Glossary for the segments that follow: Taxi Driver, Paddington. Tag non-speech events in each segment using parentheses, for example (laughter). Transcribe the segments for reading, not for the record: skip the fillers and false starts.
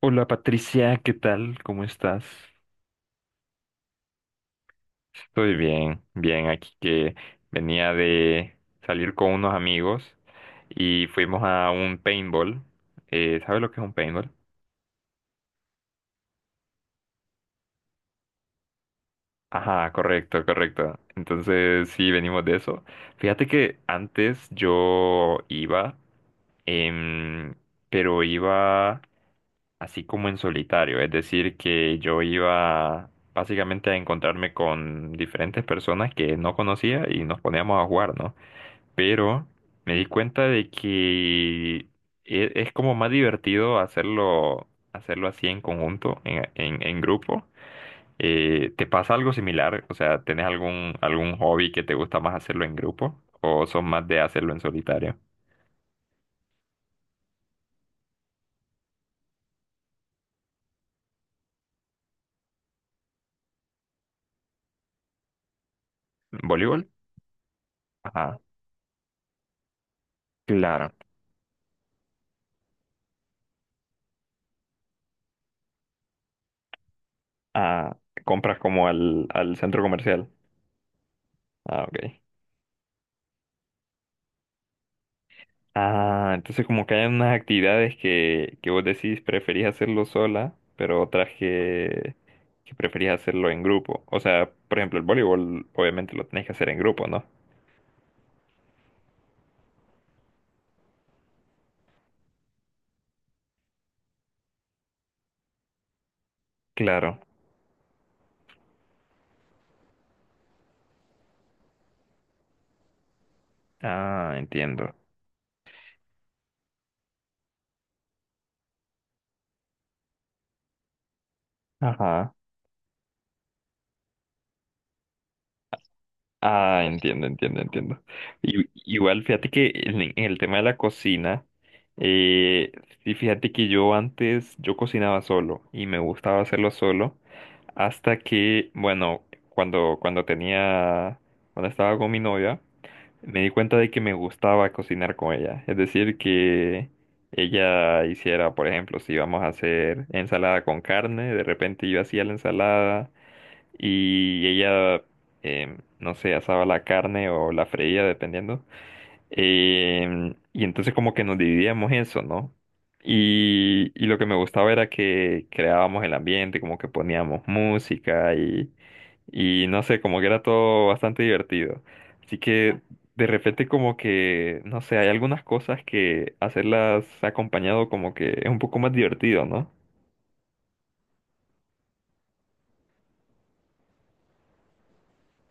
Hola Patricia, ¿qué tal? ¿Cómo estás? Estoy bien, bien, aquí que venía de salir con unos amigos y fuimos a un paintball. ¿Sabes lo que es un paintball? Ajá, correcto, correcto. Entonces sí, venimos de eso. Fíjate que antes yo iba, em, pero iba así como en solitario, es decir, que yo iba básicamente a encontrarme con diferentes personas que no conocía y nos poníamos a jugar, ¿no? Pero me di cuenta de que es como más divertido hacerlo, hacerlo así en conjunto, en grupo. ¿Te pasa algo similar? O sea, ¿tenés algún hobby que te gusta más hacerlo en grupo o son más de hacerlo en solitario? ¿Voleibol? Ajá, claro. Ah, compras como al centro comercial. Ah, ok. Ah, entonces como que hay unas actividades que vos decís preferís hacerlo sola, pero otras que preferís hacerlo en grupo. O sea, por ejemplo, el voleibol obviamente lo tenés que hacer en grupo, ¿no? Claro. Ah, entiendo. Ajá. Ah, entiendo, entiendo, entiendo. Igual, fíjate que en el tema de la cocina, eh, sí, fíjate que yo antes, yo cocinaba solo y me gustaba hacerlo solo hasta que, bueno, cuando tenía, cuando estaba con mi novia, me di cuenta de que me gustaba cocinar con ella. Es decir, que ella hiciera, por ejemplo, si íbamos a hacer ensalada con carne, de repente yo hacía la ensalada y ella, no sé, asaba la carne o la freía, dependiendo. Y entonces como que nos dividíamos eso, ¿no? Y lo que me gustaba era que creábamos el ambiente, como que poníamos música y no sé, como que era todo bastante divertido. Así que de repente como que, no sé, hay algunas cosas que hacerlas acompañado como que es un poco más divertido, ¿no?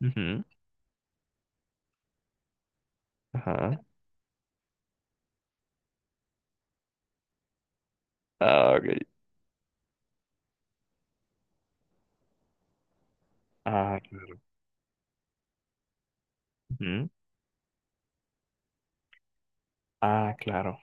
Ujú. Ajá. Ah, ok. Ah, claro. Ah, claro.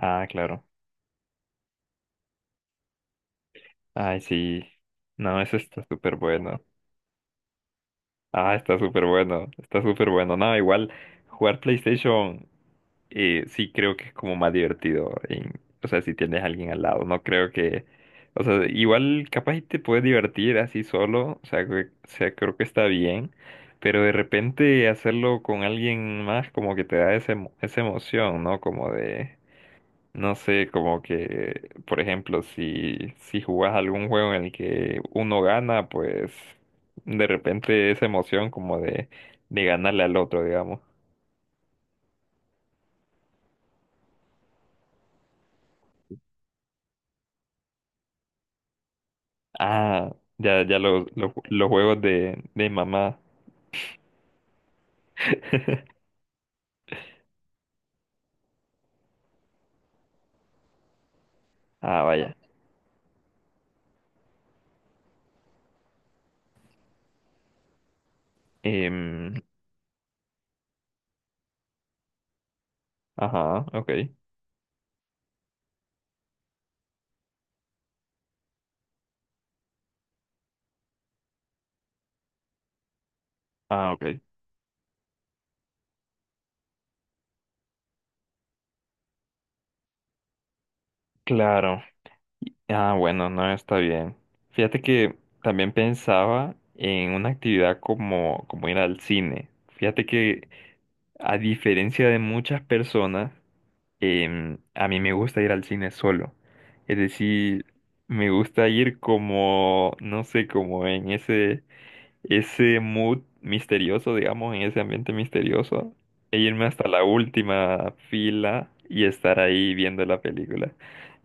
Ah, claro. Ay, sí. No, eso está súper bueno. Ah, está súper bueno. Está súper bueno. No, igual jugar PlayStation, sí creo que es como más divertido. O sea, si tienes a alguien al lado. No creo que... O sea, igual capaz y te puedes divertir así solo. O sea, o sea, creo que está bien. Pero de repente hacerlo con alguien más como que te da esa emoción, ¿no? Como de... No sé, como que, por ejemplo, si jugás algún juego en el que uno gana, pues de repente esa emoción como de ganarle al otro, digamos. Ah, ya, ya los juegos de mamá. Ah, vaya. Em, ajá, ok. Ah, ok. Claro. Ah, bueno, no está bien. Fíjate que también pensaba en una actividad como, como ir al cine. Fíjate que, a diferencia de muchas personas, a mí me gusta ir al cine solo. Es decir, me gusta ir como, no sé, como en ese mood misterioso, digamos, en ese ambiente misterioso, e irme hasta la última fila y estar ahí viendo la película.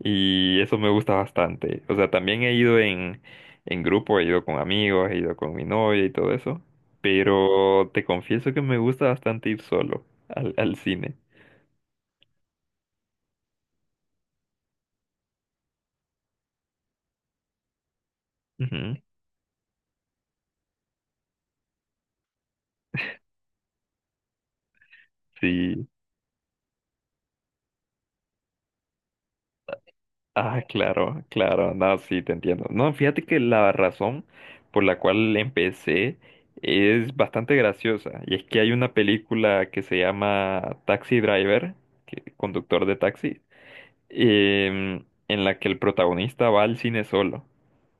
Y eso me gusta bastante. O sea, también he ido en grupo, he ido con amigos, he ido con mi novia y todo eso. Pero te confieso que me gusta bastante ir solo al cine. Ujú. Sí. Ah, claro, claro, no, sí, te entiendo. No, fíjate que la razón por la cual empecé es bastante graciosa. Y es que hay una película que se llama Taxi Driver, conductor de taxi, en la que el protagonista va al cine solo.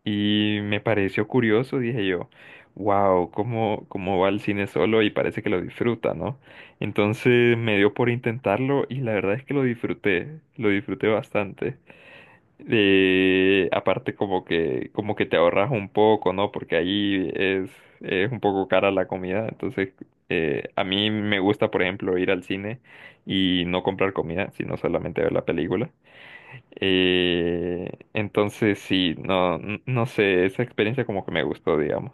Y me pareció curioso, dije yo, wow, ¿cómo va al cine solo? Y parece que lo disfruta, ¿no? Entonces me dio por intentarlo y la verdad es que lo disfruté bastante. Y aparte como que te ahorras un poco, ¿no? Porque ahí es un poco cara la comida. Entonces, a mí me gusta, por ejemplo, ir al cine y no comprar comida, sino solamente ver la película. Entonces, sí, no, no sé, esa experiencia como que me gustó, digamos.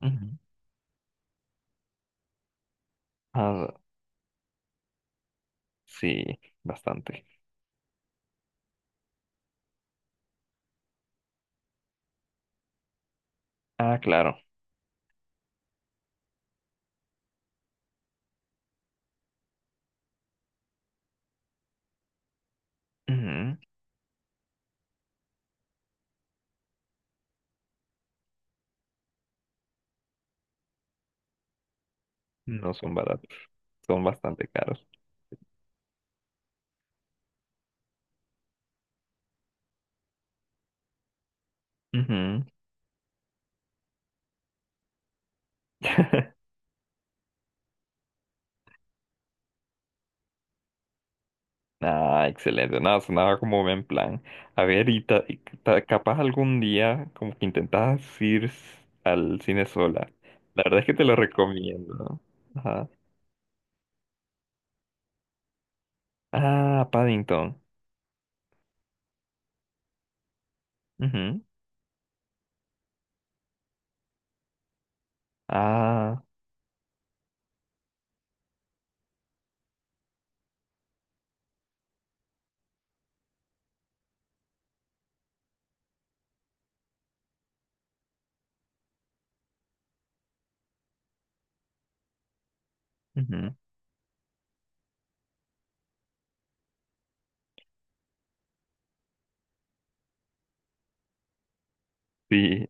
Ujú. Ah, sí, bastante. Ah, claro. Ujú. No son baratos, son bastante caros. Ujú. Ah, excelente. Nada, sonaba como buen plan. A ver, capaz algún día como que intentas ir al cine sola. La verdad es que te lo recomiendo. Ajá. Ah, Paddington. Ujú. Ah, ujú. Sí.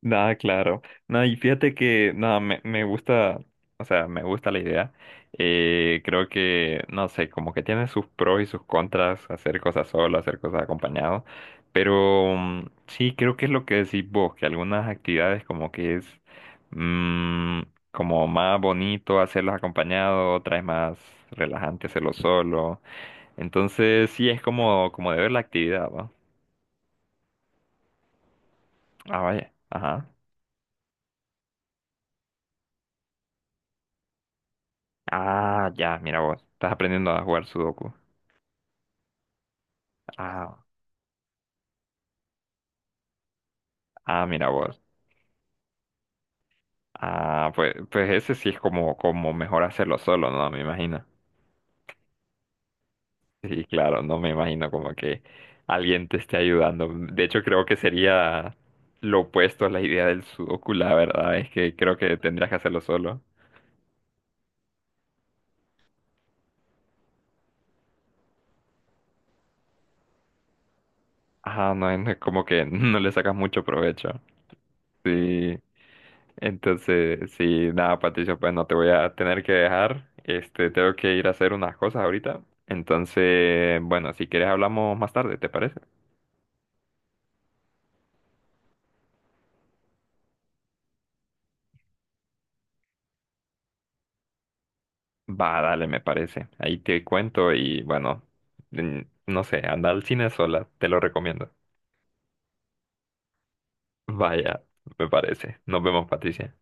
Nada, claro. No, y fíjate que nada, me gusta, o sea, me gusta la idea. Creo que, no sé, como que tiene sus pros y sus contras, hacer cosas solo, hacer cosas acompañado. Pero sí, creo que es lo que decís vos, que algunas actividades como que es mm, como más bonito hacerlos acompañado, otras es más relajante hacerlo solo. Entonces sí es como, como de ver la actividad, ¿va? Ah, vaya. Ajá. Ah, ya, mira vos. Estás aprendiendo a jugar Sudoku. Ah, ah, mira vos. Ah, pues, pues ese sí es como, como mejor hacerlo solo, ¿no? Me imagino. Sí, claro, no me imagino como que alguien te esté ayudando. De hecho, creo que sería lo opuesto a la idea del Sudoku, la verdad. Es que creo que tendrías que hacerlo solo. Ah, no, es no es como que (laughs) no le sacas mucho provecho. Sí. Entonces, sí, nada, Patricia, pues no te voy a tener que dejar. Este, tengo que ir a hacer unas cosas ahorita. Entonces, bueno, si quieres hablamos más tarde, ¿te parece? Va, dale, me parece. Ahí te cuento y bueno, mm, no sé, anda al cine sola, te lo recomiendo. Vaya, me parece. Nos vemos, Patricia.